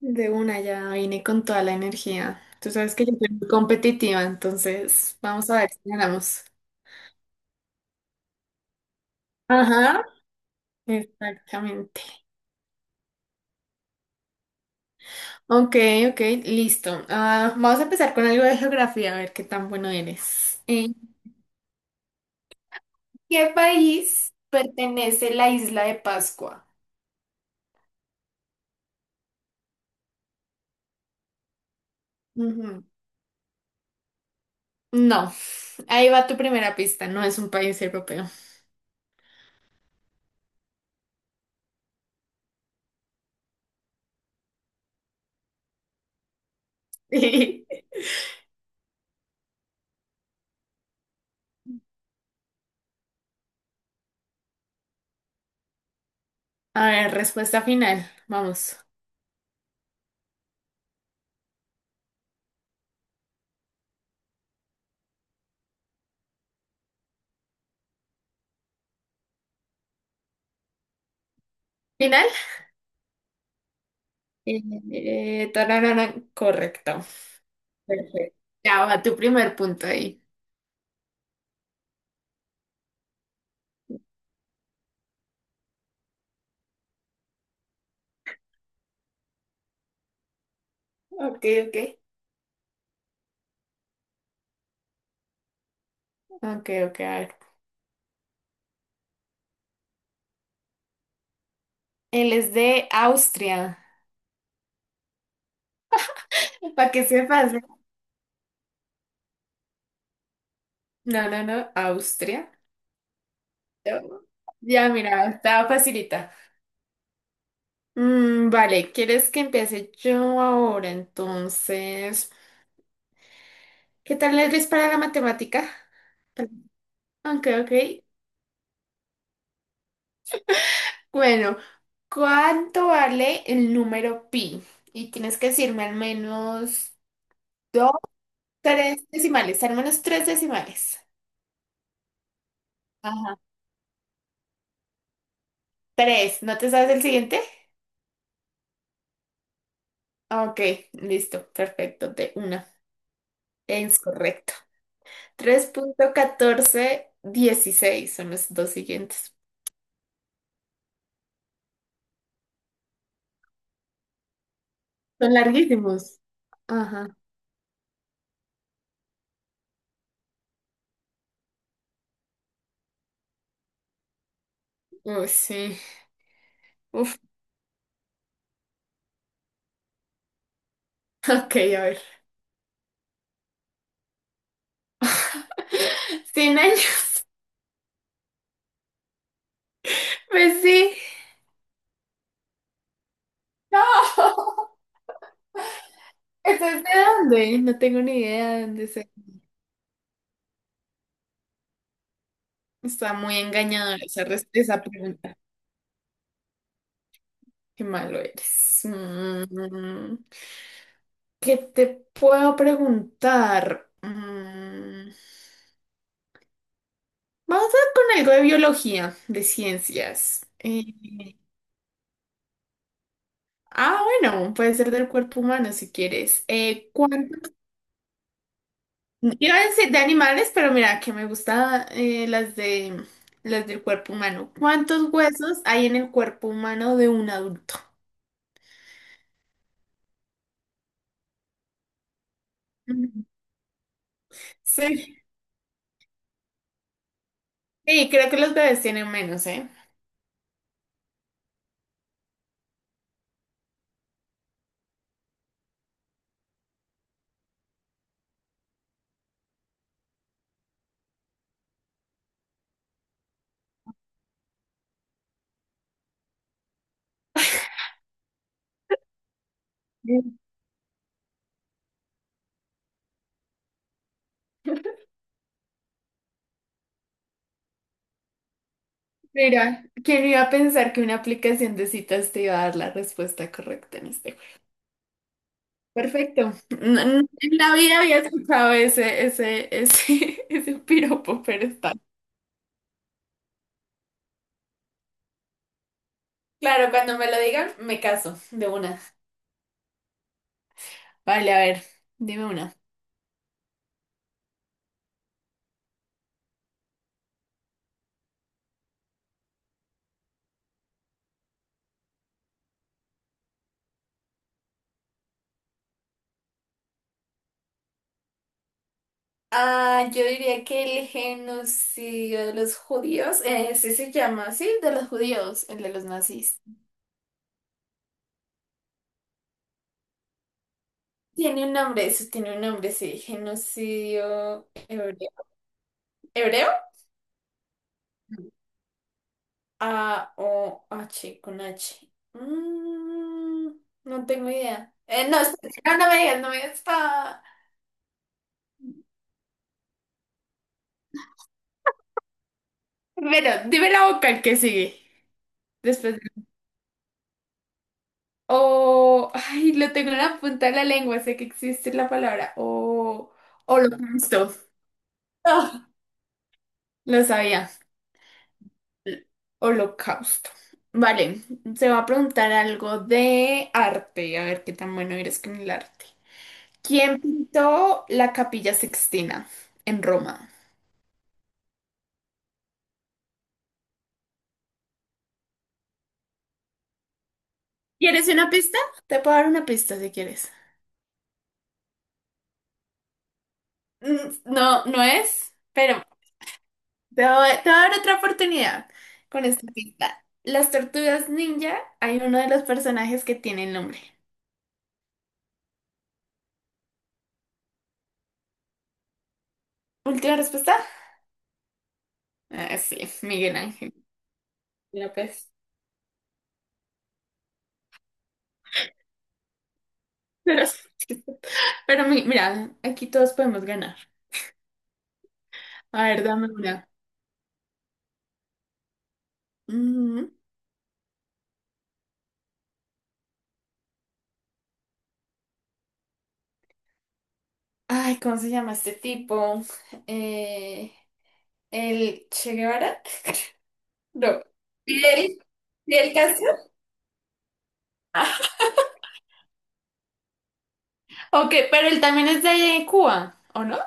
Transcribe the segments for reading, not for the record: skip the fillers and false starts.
De una ya vine con toda la energía. Tú sabes que yo soy muy competitiva, entonces vamos a ver si ganamos. Ajá, exactamente. Ok, ok, listo. Vamos a empezar con algo de geografía, a ver qué tan bueno eres. ¿En qué país pertenece la isla de Pascua? Ujú. No, ahí va tu primera pista, no es un país europeo. A ver, respuesta final, vamos. ¿Final? Eh, tararara, correcto. Perfecto. Ya va tu primer punto ahí. Ok, ok. Ok, ok, a ver. Él es de Austria. Para que sepas, ¿eh? No, no, no, Austria. Yo- Ya, mira, estaba facilita. Mm, vale, ¿quieres que empiece yo ahora? Entonces, ¿qué tal eres para la matemática? Ok, ok. Bueno, ¿cuánto vale el número pi? Y tienes que decirme al menos dos, tres decimales, al menos tres decimales. Ajá. Tres, ¿no te sabes el siguiente? Ok, listo, perfecto, de una. Es correcto. 3,1416 son los dos siguientes. Son larguísimos. Ajá. Uy, sí. Uf, ok, a ver. ¿100 años? Pues sí. No. ¿Eso es de dónde? No tengo ni idea de dónde sea. Está muy engañadora esa, esa pregunta. Qué malo eres. Mm. ¿Qué te puedo preguntar? Mm, vamos a con algo de biología, de ciencias. Bueno, puede ser del cuerpo humano si quieres. ¿Cuánto? Iba a decir de animales, pero mira, que me gustan las de las del cuerpo humano. ¿Cuántos huesos hay en el cuerpo humano de un adulto? Mm, sí, sí, creo que los bebés tienen menos, ¿eh? Mira, ¿quién iba a pensar que una aplicación de citas te iba a dar la respuesta correcta en este. Perfecto. En la vida había escuchado ese piropo, pero está. Claro, cuando me lo digan, me caso de una. Vale, a ver, dime una. Ah, yo diría que el genocidio de los judíos, sí se llama así, de los judíos, el de los nazis. Tiene un nombre, eso tiene un nombre, sí, genocidio hebreo. ¿Hebreo? A-O-H con H. Mm, no tengo idea. No, espera, no, no me digas, no me digas. Pero dime la vocal que sigue. Después de... O... Ay, lo tengo en la punta de la lengua, sé que existe la palabra. O... Holocausto. Ah, Lo sabía. Holocausto. Vale, se va a preguntar algo de arte. A ver qué tan bueno eres con el arte. ¿Quién pintó la Capilla Sixtina en Roma? ¿Quieres una pista? Te puedo dar una pista si quieres. Mm, no, no es, pero te voy a dar otra oportunidad con esta pista. Las tortugas ninja, hay uno de los personajes que tiene el nombre. Última respuesta. Ah, sí, Miguel Ángel López. Pero, pero mira, aquí todos podemos ganar. A ver, dame una. Ujú. Ay, ¿cómo se llama este tipo? Eh, ¿El Che Guevara? No. ¿Fidel? ¿Fidel Castro? Ok, pero él también es de Cuba, ¿o no?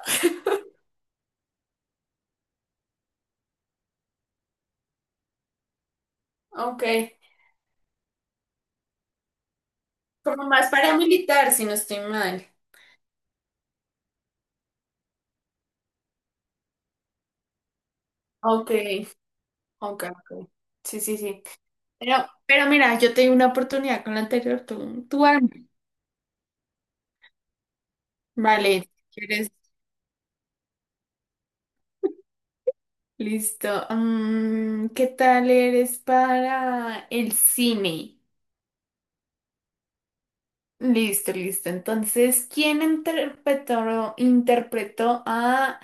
Ok, como más paramilitar, si no estoy mal. Ok, ok, ok. Sí, sí, sí. Pero mira, yo tengo una oportunidad con la anterior, tú arma. Vale, si ¿quieres? Listo. Mm, ¿qué tal eres para el cine? Listo, listo. Entonces, ¿quién interpretó a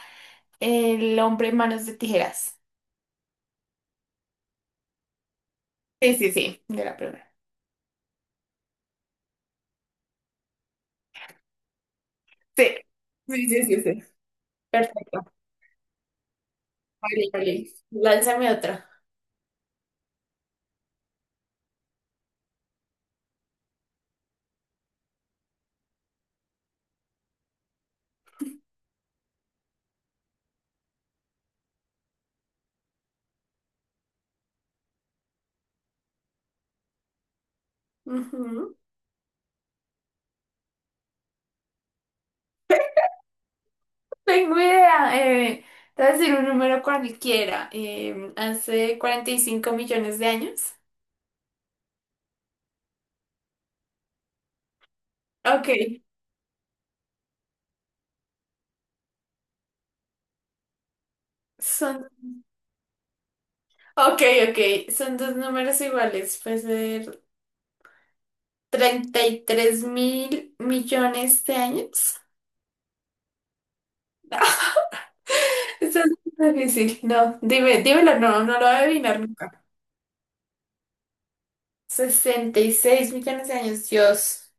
El hombre manos de tijeras? Sí, sí, sí, de la primera. Sí, sí, sí, sí, sí. Perfecto. Vale, vale. Lánzame otra. Ujú. Tengo idea. Te voy a decir un número cualquiera. Hace 45 millones de años. Ok, son, ok, ok, son dos números iguales. Puede ser 33 mil millones de años. eso es muy difícil. No, dímelo, no, no lo voy a adivinar nunca. 66 millones de años, Dios.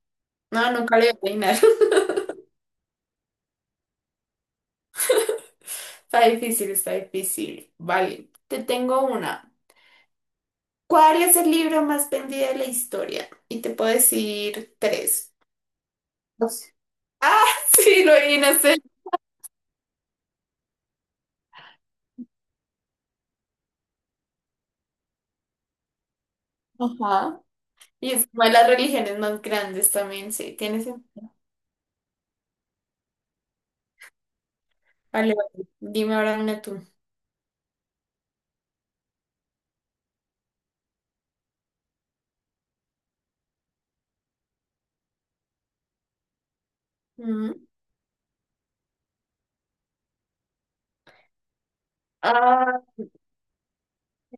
No, nunca lo voy a adivinar. Está difícil, está difícil. Vale, te tengo una. ¿Cuál es el libro más vendido de la historia? Y te puedo decir tres. Dos. Ah, sí, lo adivinaste. Ajá. Y es una de las religiones más grandes también, sí, tiene sentido. Vale, vale. Dime ahora una tú. Ujú. Ah,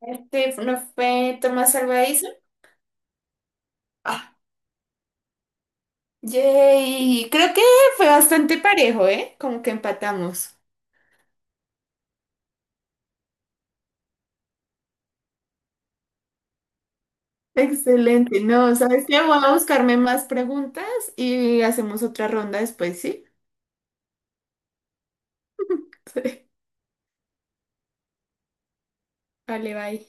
este no fue Tomás Albaíza. Ah, yay. Creo que fue bastante parejo, ¿eh? Como que empatamos. Excelente. No, ¿sabes qué? Voy a buscarme más preguntas y hacemos otra ronda después, ¿sí? Sí. Vale, bye.